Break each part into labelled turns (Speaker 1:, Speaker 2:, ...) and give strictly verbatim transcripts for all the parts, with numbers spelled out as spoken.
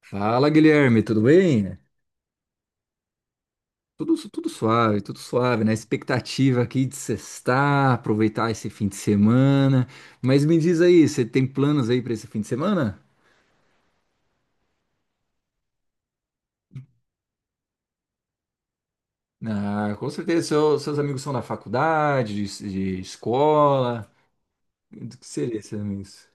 Speaker 1: Fala, Guilherme, tudo bem? Tudo, tudo suave, tudo suave, né? Expectativa aqui de sextar, aproveitar esse fim de semana. Mas me diz aí, você tem planos aí para esse fim de semana? Ah, com certeza, seu- seus amigos são da faculdade, de, de escola. Do que seria esses amigos?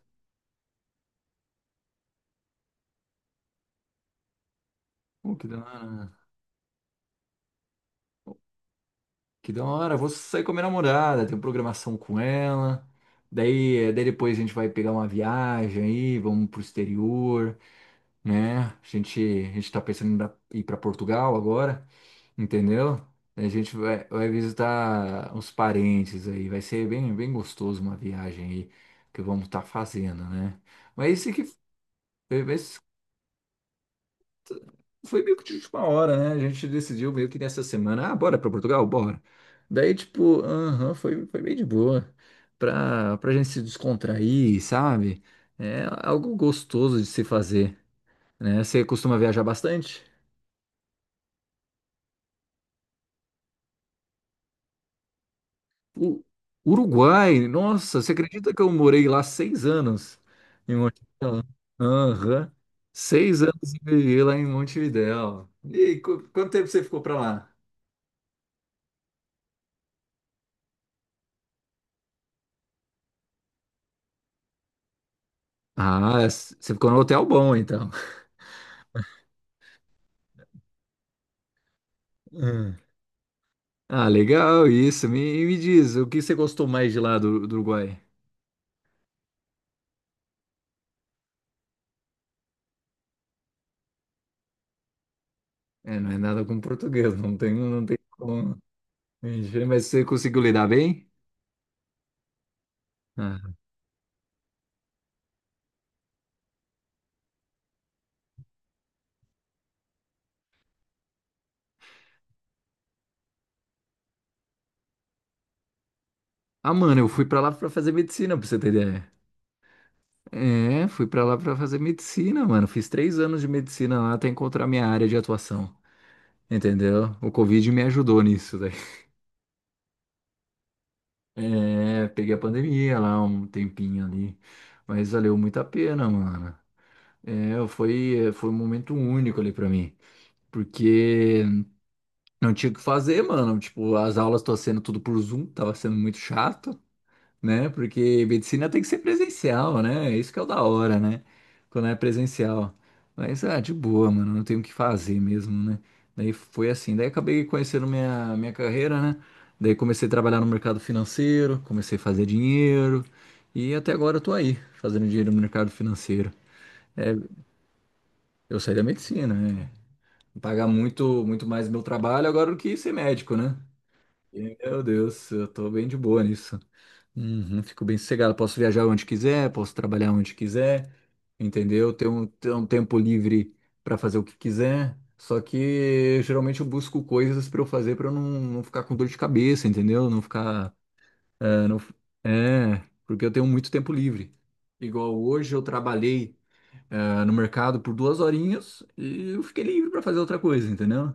Speaker 1: Oh, que da hora, né? Que da hora, vou sair com a minha namorada, tenho programação com ela. Daí, eh, daí depois a gente vai pegar uma viagem aí, vamos pro exterior, né? A gente, a gente tá pensando em dar- ir para Portugal agora, entendeu? A gente vai, vai visitar os parentes aí, vai ser bem, bem gostoso uma viagem aí que vamos estar fazendo, né? Mas esse que foi, mas foi meio que de última hora, né? A gente decidiu meio que nessa semana, ah, bora para Portugal, bora. Daí, tipo, aham, foi, foi bem de boa. Pra, pra gente se descontrair, sabe? É algo gostoso de se fazer, né? Você costuma viajar bastante? U- Uruguai, nossa, você acredita que eu morei lá seis anos em Montevidéu? Aham. Seis anos eu vivi lá em Montevidéu. E qu- quanto tempo você ficou pra lá? Ah, s- você ficou no hotel bom, então. Hum. Ah, legal isso. Me, me diz, o que você gostou mais de lá do, do Uruguai? É, não é nada com português, não tem, não tem como. Mas você conseguiu lidar bem? Ah. Ah, mano, eu fui pra lá pra fazer medicina, pra você ter ideia. É, fui pra lá pra fazer medicina, mano. Fiz três anos de medicina lá até encontrar minha área de atuação. Entendeu? O Covid me ajudou nisso, daí. É, peguei a pandemia lá um tempinho ali. Mas valeu muito a pena, mano. É, foi, foi um momento único ali pra mim. Porque não tinha o que fazer, mano. Tipo, as aulas tô sendo tudo por Zoom, tava sendo muito chato, né? Porque medicina tem que ser presencial, né? É isso que é o da hora, né? Quando é presencial. Mas, ah, de boa, mano, não tenho o que fazer mesmo, né? Daí foi assim, daí acabei conhecendo minha, minha carreira, né? Daí comecei a trabalhar no mercado financeiro, comecei a fazer dinheiro, e até agora eu tô aí, fazendo dinheiro no mercado financeiro. É, eu saí da medicina, né? Pagar muito, muito mais meu trabalho agora do que ser médico, né? E, meu Deus, eu tô bem de boa nisso. Uhum, fico bem sossegado. Posso viajar onde quiser, posso trabalhar onde quiser, entendeu? Ter um ter um tempo livre para fazer o que quiser. Só que geralmente eu busco coisas para eu fazer para eu não, não ficar com dor de cabeça, entendeu? Não ficar. É, não, f- é, porque eu tenho muito tempo livre. Igual hoje eu trabalhei, é, no mercado por duas horinhas e eu fiquei livre para fazer outra coisa, entendeu?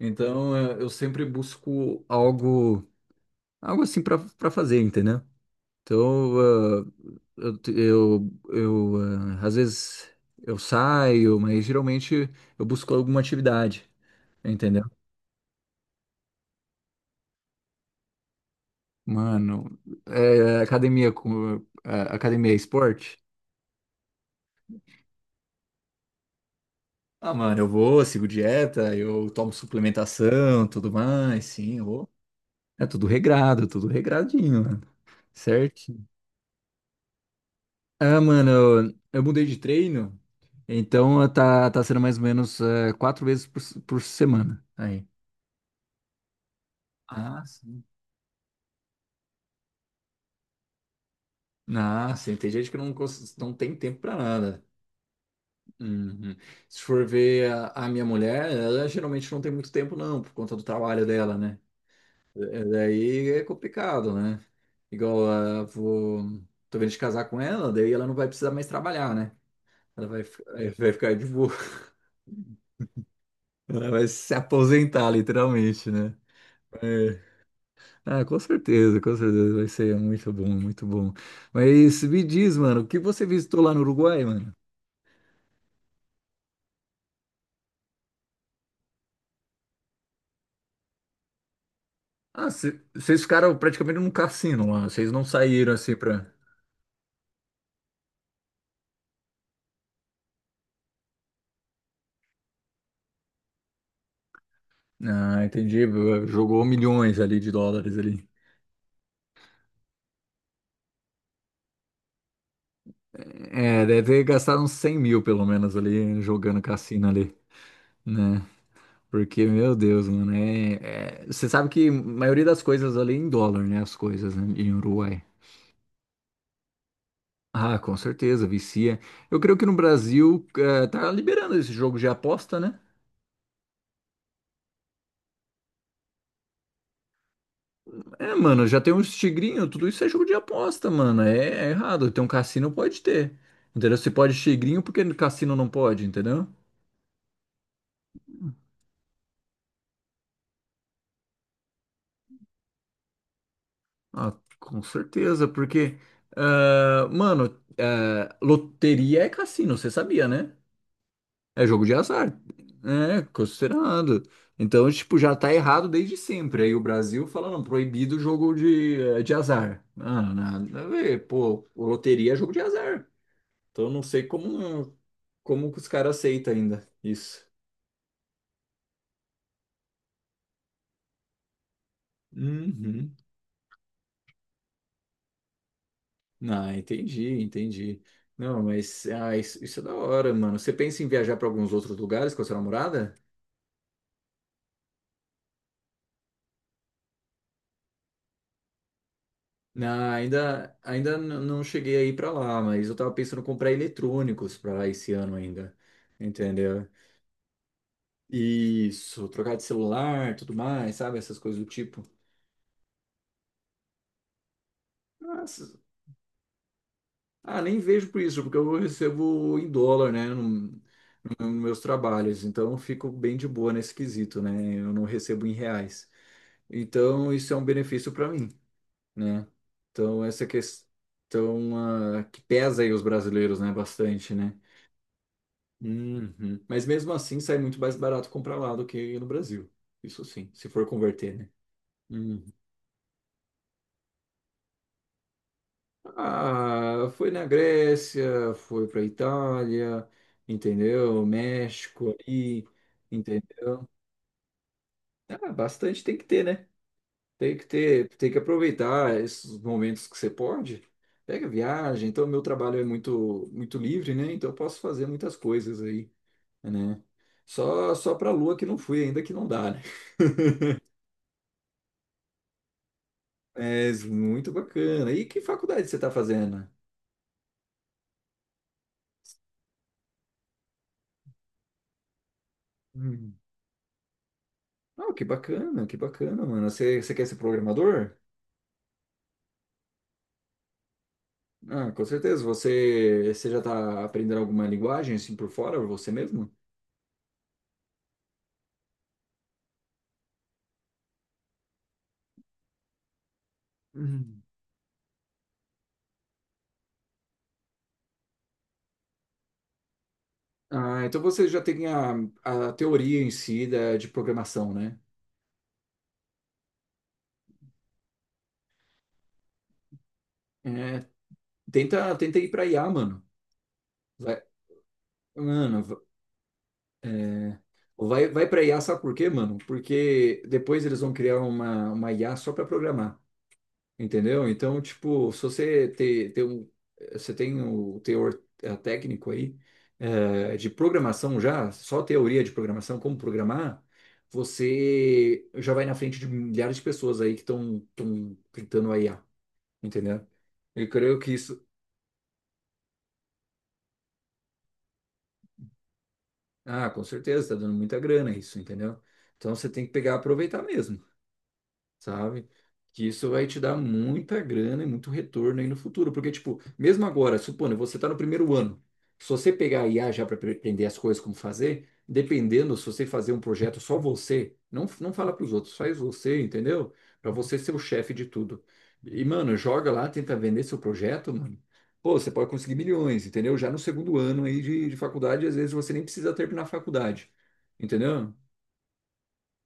Speaker 1: Então é, eu sempre busco algo, algo assim para para fazer, entendeu? Então, eh, eu, eu, eu, ah, às vezes eu saio, mas geralmente eu busco alguma atividade, entendeu? Mano, é, academia com é, academia é esporte? Ah, mano, eu vou, sigo dieta, eu tomo suplementação, tudo mais, sim, eu vou. É tudo regrado, tudo regradinho, mano. Certo? Ah, mano, eu, eu mudei de treino, então tá, tá sendo mais ou menos é, quatro vezes por, por semana. Aí. Ah, sim. Ah, sim, tem gente que não, cons- não tem tempo para nada. Uhum. Se for ver a, a minha mulher, ela geralmente não tem muito tempo, não, por conta do trabalho dela, né? É, é, Daí é complicado, né? Igual, ah, vou, tô vendo de casar com ela, daí ela não vai precisar mais trabalhar, né? Ela vai, fi- eh, vai ficar de boa, ela vai se aposentar, literalmente, né? É. Ah, com certeza, com certeza, vai ser muito bom, muito bom. Mas me diz, mano, o que você visitou lá no Uruguai, mano? Ah, cê- vocês ficaram praticamente num cassino lá. Vocês não saíram assim pra. Ah, entendi. Jogou milhões ali de dólares ali. É, deve ter gastado uns cem mil pelo menos ali jogando cassino ali, né? Porque, meu Deus, mano, é. Você sabe que a maioria das coisas ali é em dólar, né? As coisas né, em Uruguai. Ah, com certeza, vicia. Eu creio que no Brasil eh, tá liberando esse jogo de aposta, né? É, mano, já tem uns tigrinhos, tudo isso é jogo de aposta, mano. É, é errado. Tem um cassino, pode ter. Entendeu? Se pode tigrinho, porque no cassino não pode, entendeu? Ah, com certeza, porque. Ah, mano, ah, loteria é cassino, você sabia, né? É jogo de azar. É, considerado. Então, tipo, já tá errado desde sempre. Aí o Brasil falando proibido o jogo de, eh, de azar. Ah, nada a ver. Pô, loteria é jogo de azar. Então eu não sei como como que os caras aceitam ainda isso. Uhum. Ah, entendi, entendi. Não, mas ah, isso, isso é da hora, mano. Você pensa em viajar para alguns outros lugares com a sua namorada? Não, ainda ainda n- não cheguei aí para lá, mas eu tava pensando em comprar eletrônicos para lá esse ano ainda, entendeu? Isso, trocar de celular, tudo mais, sabe? Essas coisas do tipo. Nossa. Ah, nem vejo por isso, porque eu recebo em dólar, né? Não, nos meus trabalhos, então eu fico bem de boa nesse quesito, né? Eu não recebo em reais. Então, isso é um benefício para mim, né? Então, essa questão ah, que pesa aí os brasileiros, né? Bastante, né? Uhum. Mas mesmo assim, sai muito mais barato comprar lá do que no Brasil. Isso sim, se for converter, né? Uhum. Ah, foi na Grécia, foi para Itália, entendeu? México ali, entendeu? Ah, bastante tem que ter, né? Tem que ter, tem que aproveitar esses momentos que você pode. Pega viagem, então meu trabalho é muito muito livre, né? Então eu posso fazer muitas coisas aí, né? Só só para Lua que não fui ainda que não dá, né? Mas muito bacana. E que faculdade você está fazendo? Hum. Ah, que bacana, que bacana, mano. Você, você quer ser programador? Ah, com certeza. Você, você já está aprendendo alguma linguagem assim por fora, você mesmo? Hum. Ah, então você já tem a, a teoria em si da, de programação, né? É, tenta, tenta ir para I A, mano. Vai, mano, v- vai, vai para I A, sabe por quê, mano? Porque depois eles vão criar uma, uma I A só para programar, entendeu? Então, tipo, se você ter ter um, você tem o teor eh, técnico aí eh, de programação já, só teoria de programação, como programar, você já vai na frente de milhares de pessoas aí que estão tentando a I A, entendeu? Eu creio que isso, ah, com certeza, tá dando muita grana isso, entendeu? Então você tem que pegar e aproveitar mesmo, sabe? Que isso vai te dar muita grana e muito retorno aí no futuro. Porque, tipo, mesmo agora, supondo, você tá no primeiro ano. Se você pegar a I A já para aprender as coisas como fazer, dependendo se você fazer um projeto só você, não, não fala para os outros, faz você, entendeu? Para você ser o chefe de tudo. E, mano, joga lá, tenta vender seu projeto, mano. Pô, você pode conseguir milhões, entendeu? Já no segundo ano aí de, de faculdade, às vezes você nem precisa terminar a faculdade, entendeu?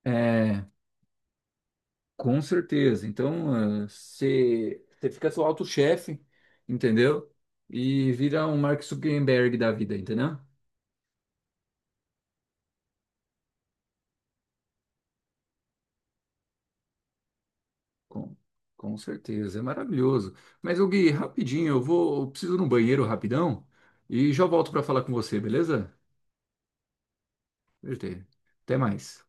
Speaker 1: É com certeza. Então, ah, você fica seu auto-chefe, entendeu? E vira um Mark Zuckerberg da vida, entendeu? Com, com certeza. É maravilhoso. Mas, ô Gui, rapidinho, eu vou, eu preciso ir no banheiro rapidão e já volto para falar com você, beleza? Até até mais.